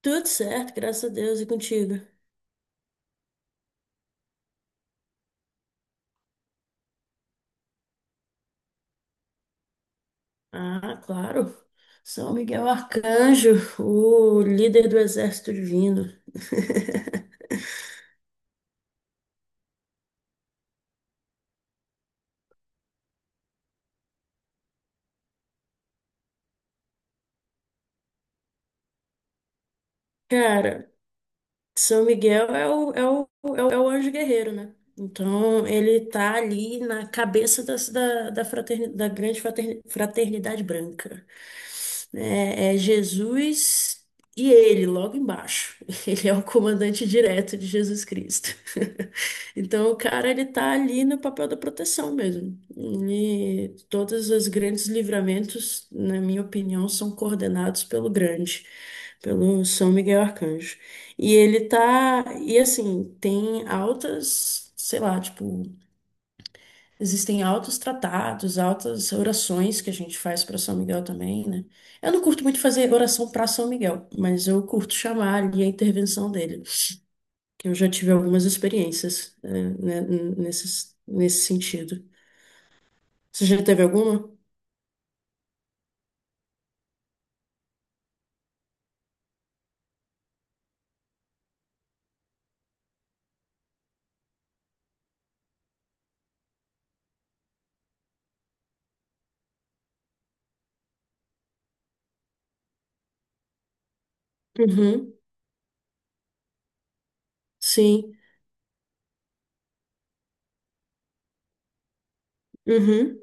Tudo certo, graças a Deus e contigo. Ah, claro. São Miguel Arcanjo, o líder do exército divino. Cara, São Miguel é o anjo guerreiro, né? Então, ele tá ali na cabeça da grande fraternidade branca. É, é Jesus e ele, logo embaixo. Ele é o comandante direto de Jesus Cristo. Então, o cara, ele tá ali no papel da proteção mesmo. E todos os grandes livramentos, na minha opinião, são coordenados pelo grande, pelo São Miguel Arcanjo. E ele tá. E assim, tem altas, sei lá, tipo, existem altos tratados, altas orações que a gente faz para São Miguel também, né? Eu não curto muito fazer oração para São Miguel, mas eu curto chamar ali a intervenção dele. Que Eu já tive algumas experiências, né, nesse sentido. Você já teve alguma? Uhum, sim. Uhum,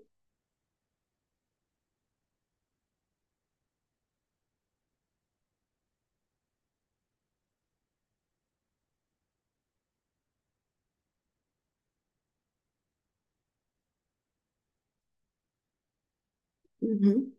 uhum.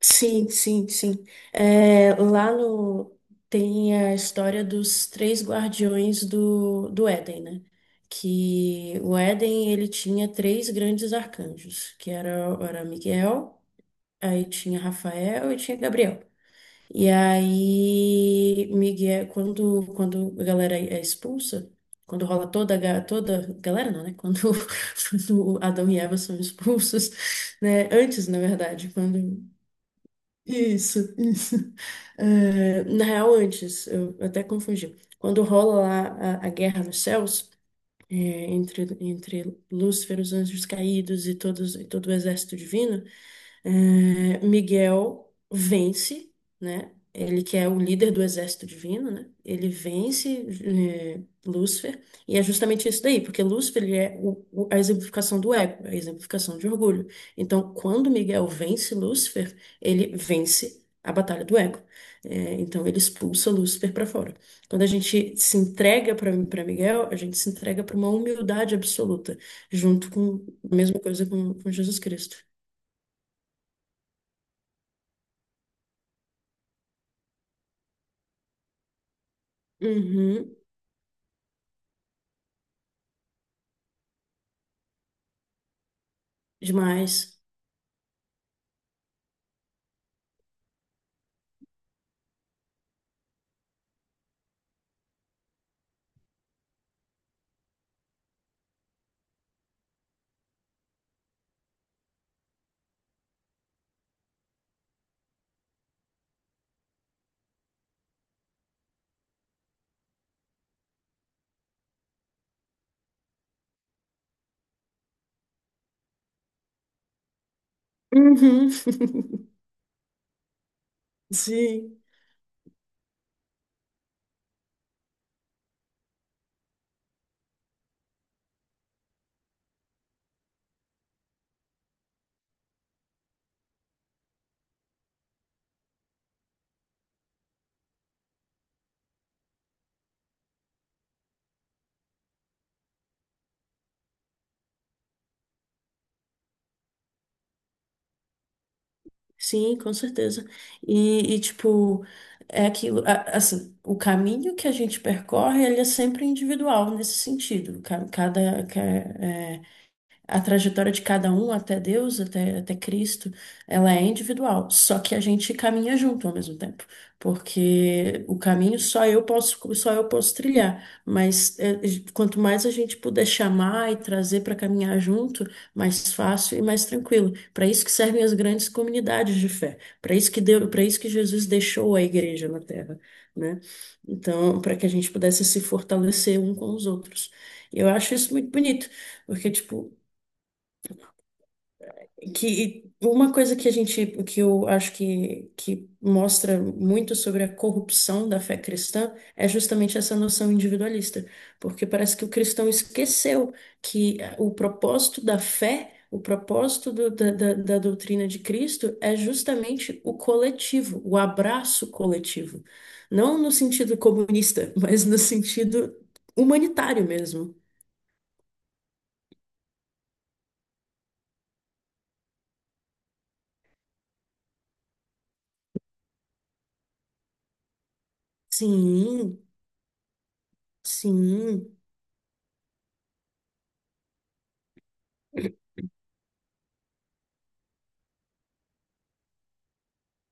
Sim, sim, sim. É, lá no tem a história dos três guardiões do Éden, né? Que o Éden ele tinha três grandes arcanjos, que era, era Miguel, aí tinha Rafael e tinha Gabriel. E aí Miguel, quando a galera é expulsa, quando rola toda a ga- toda galera não, né? Quando, quando Adão e Eva são expulsos, né? Antes, na verdade, quando isso, isso. Eh, na real, antes, eu até confundi. Quando rola lá a guerra nos céus, é, entre Lúcifer, os anjos caídos e, todos, e todo o exército divino, é, Miguel vence, né? Ele que é o líder do exército divino, né? Ele vence é, Lúcifer, e é justamente isso daí, porque Lúcifer ele é a exemplificação do ego, é a exemplificação de orgulho. Então, quando Miguel vence Lúcifer, ele vence a batalha do ego. É, então, ele expulsa Lúcifer para fora. Quando a gente se entrega para Miguel, a gente se entrega para uma humildade absoluta, junto com a mesma coisa com Jesus Cristo. Uhum, demais. Uhum. Sim, sim, com certeza. E tipo, é aquilo, assim, o caminho que a gente percorre, ele é sempre individual nesse sentido. A trajetória de cada um até Deus, até Cristo, ela é individual. Só que a gente caminha junto ao mesmo tempo, porque o caminho só eu posso trilhar. Mas é, quanto mais a gente puder chamar e trazer para caminhar junto, mais fácil e mais tranquilo. Para isso que servem as grandes comunidades de fé. Para isso que Jesus deixou a igreja na terra, né? Então, para que a gente pudesse se fortalecer um com os outros. Eu acho isso muito bonito. Porque, tipo, que uma coisa que eu acho que mostra muito sobre a corrupção da fé cristã é justamente essa noção individualista, porque parece que o cristão esqueceu que o propósito da fé, o propósito da doutrina de Cristo é justamente o coletivo, o abraço coletivo. Não no sentido comunista, mas no sentido humanitário mesmo. Sim, sim.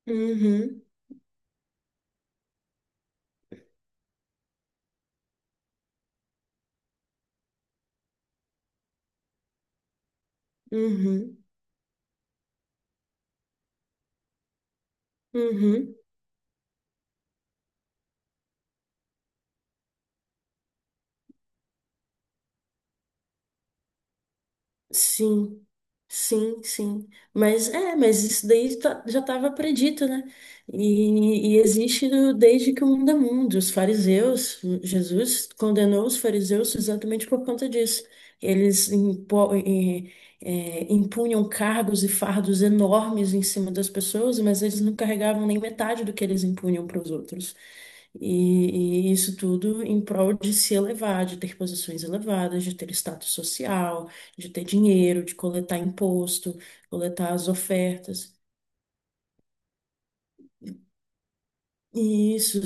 Uhum, uhum. Uhum. Sim, sim, sim. Mas é, mas isso daí tá- já estava predito, né? E existe desde que o mundo é mundo. Os fariseus, Jesus condenou os fariseus exatamente por conta disso. Eles impunham cargos e fardos enormes em cima das pessoas, mas eles não carregavam nem metade do que eles impunham para os outros. E isso tudo em prol de se elevar, de ter posições elevadas, de ter status social, de ter dinheiro, de coletar imposto, coletar as ofertas. E isso,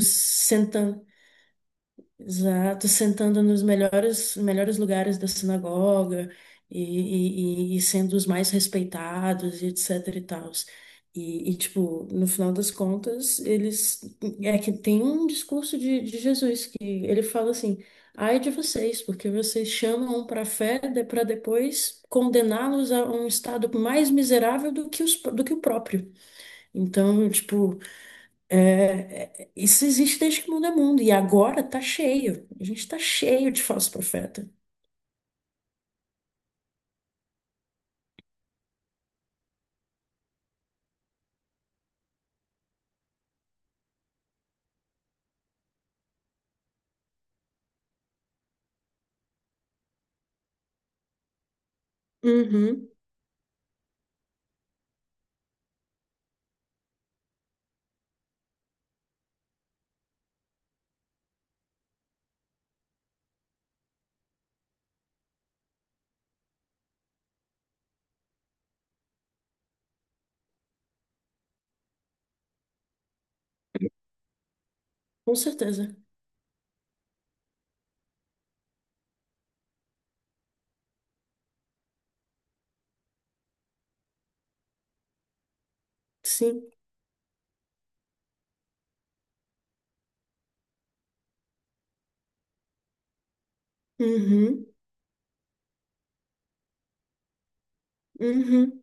exato, sentando nos melhores, melhores lugares da sinagoga e sendo os mais respeitados e etc e tals. E tipo, no final das contas, eles... É que tem um discurso de Jesus que ele fala assim, ai de vocês, porque vocês chamam para a fé para depois condená-los a um estado mais miserável do que, os, do que o próprio. Então, tipo... É, é, isso existe desde que o mundo é mundo, e agora tá cheio. A gente tá cheio de falso profeta. Uhum, com certeza. Sim. Uhum, uhum,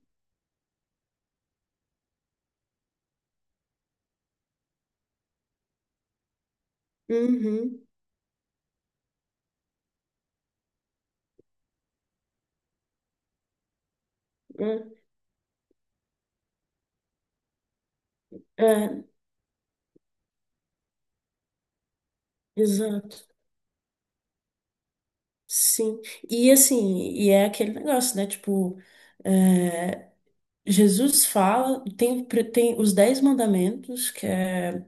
uhum. É, é, exato. Sim. E assim, e é aquele negócio, né? Tipo, é, Jesus fala, tem, tem os 10 mandamentos, que é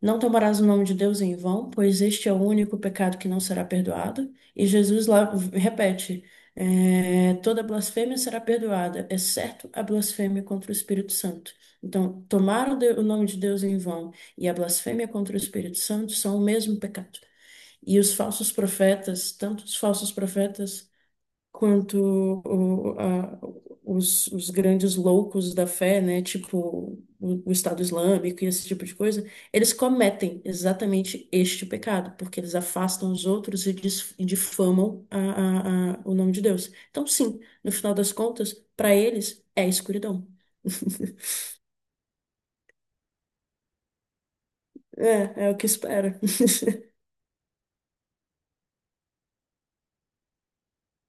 não tomarás o nome de Deus em vão, pois este é o único pecado que não será perdoado. E Jesus lá repete: é, toda blasfêmia será perdoada, exceto a blasfêmia contra o Espírito Santo. Então, tomar o nome de Deus em vão e a blasfêmia contra o Espírito Santo são o mesmo pecado. E os falsos profetas, tanto os falsos profetas quanto o- a- os grandes loucos da fé, né, tipo o Estado Islâmico e esse tipo de coisa, eles cometem exatamente este pecado, porque eles afastam os outros e, e difamam o nome de Deus. Então, sim, no final das contas, para eles é escuridão. É, é o que espera.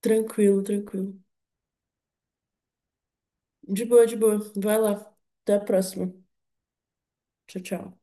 Tranquilo, tranquilo. De boa, de boa. Vai lá. Até a próxima. Tchau, tchau.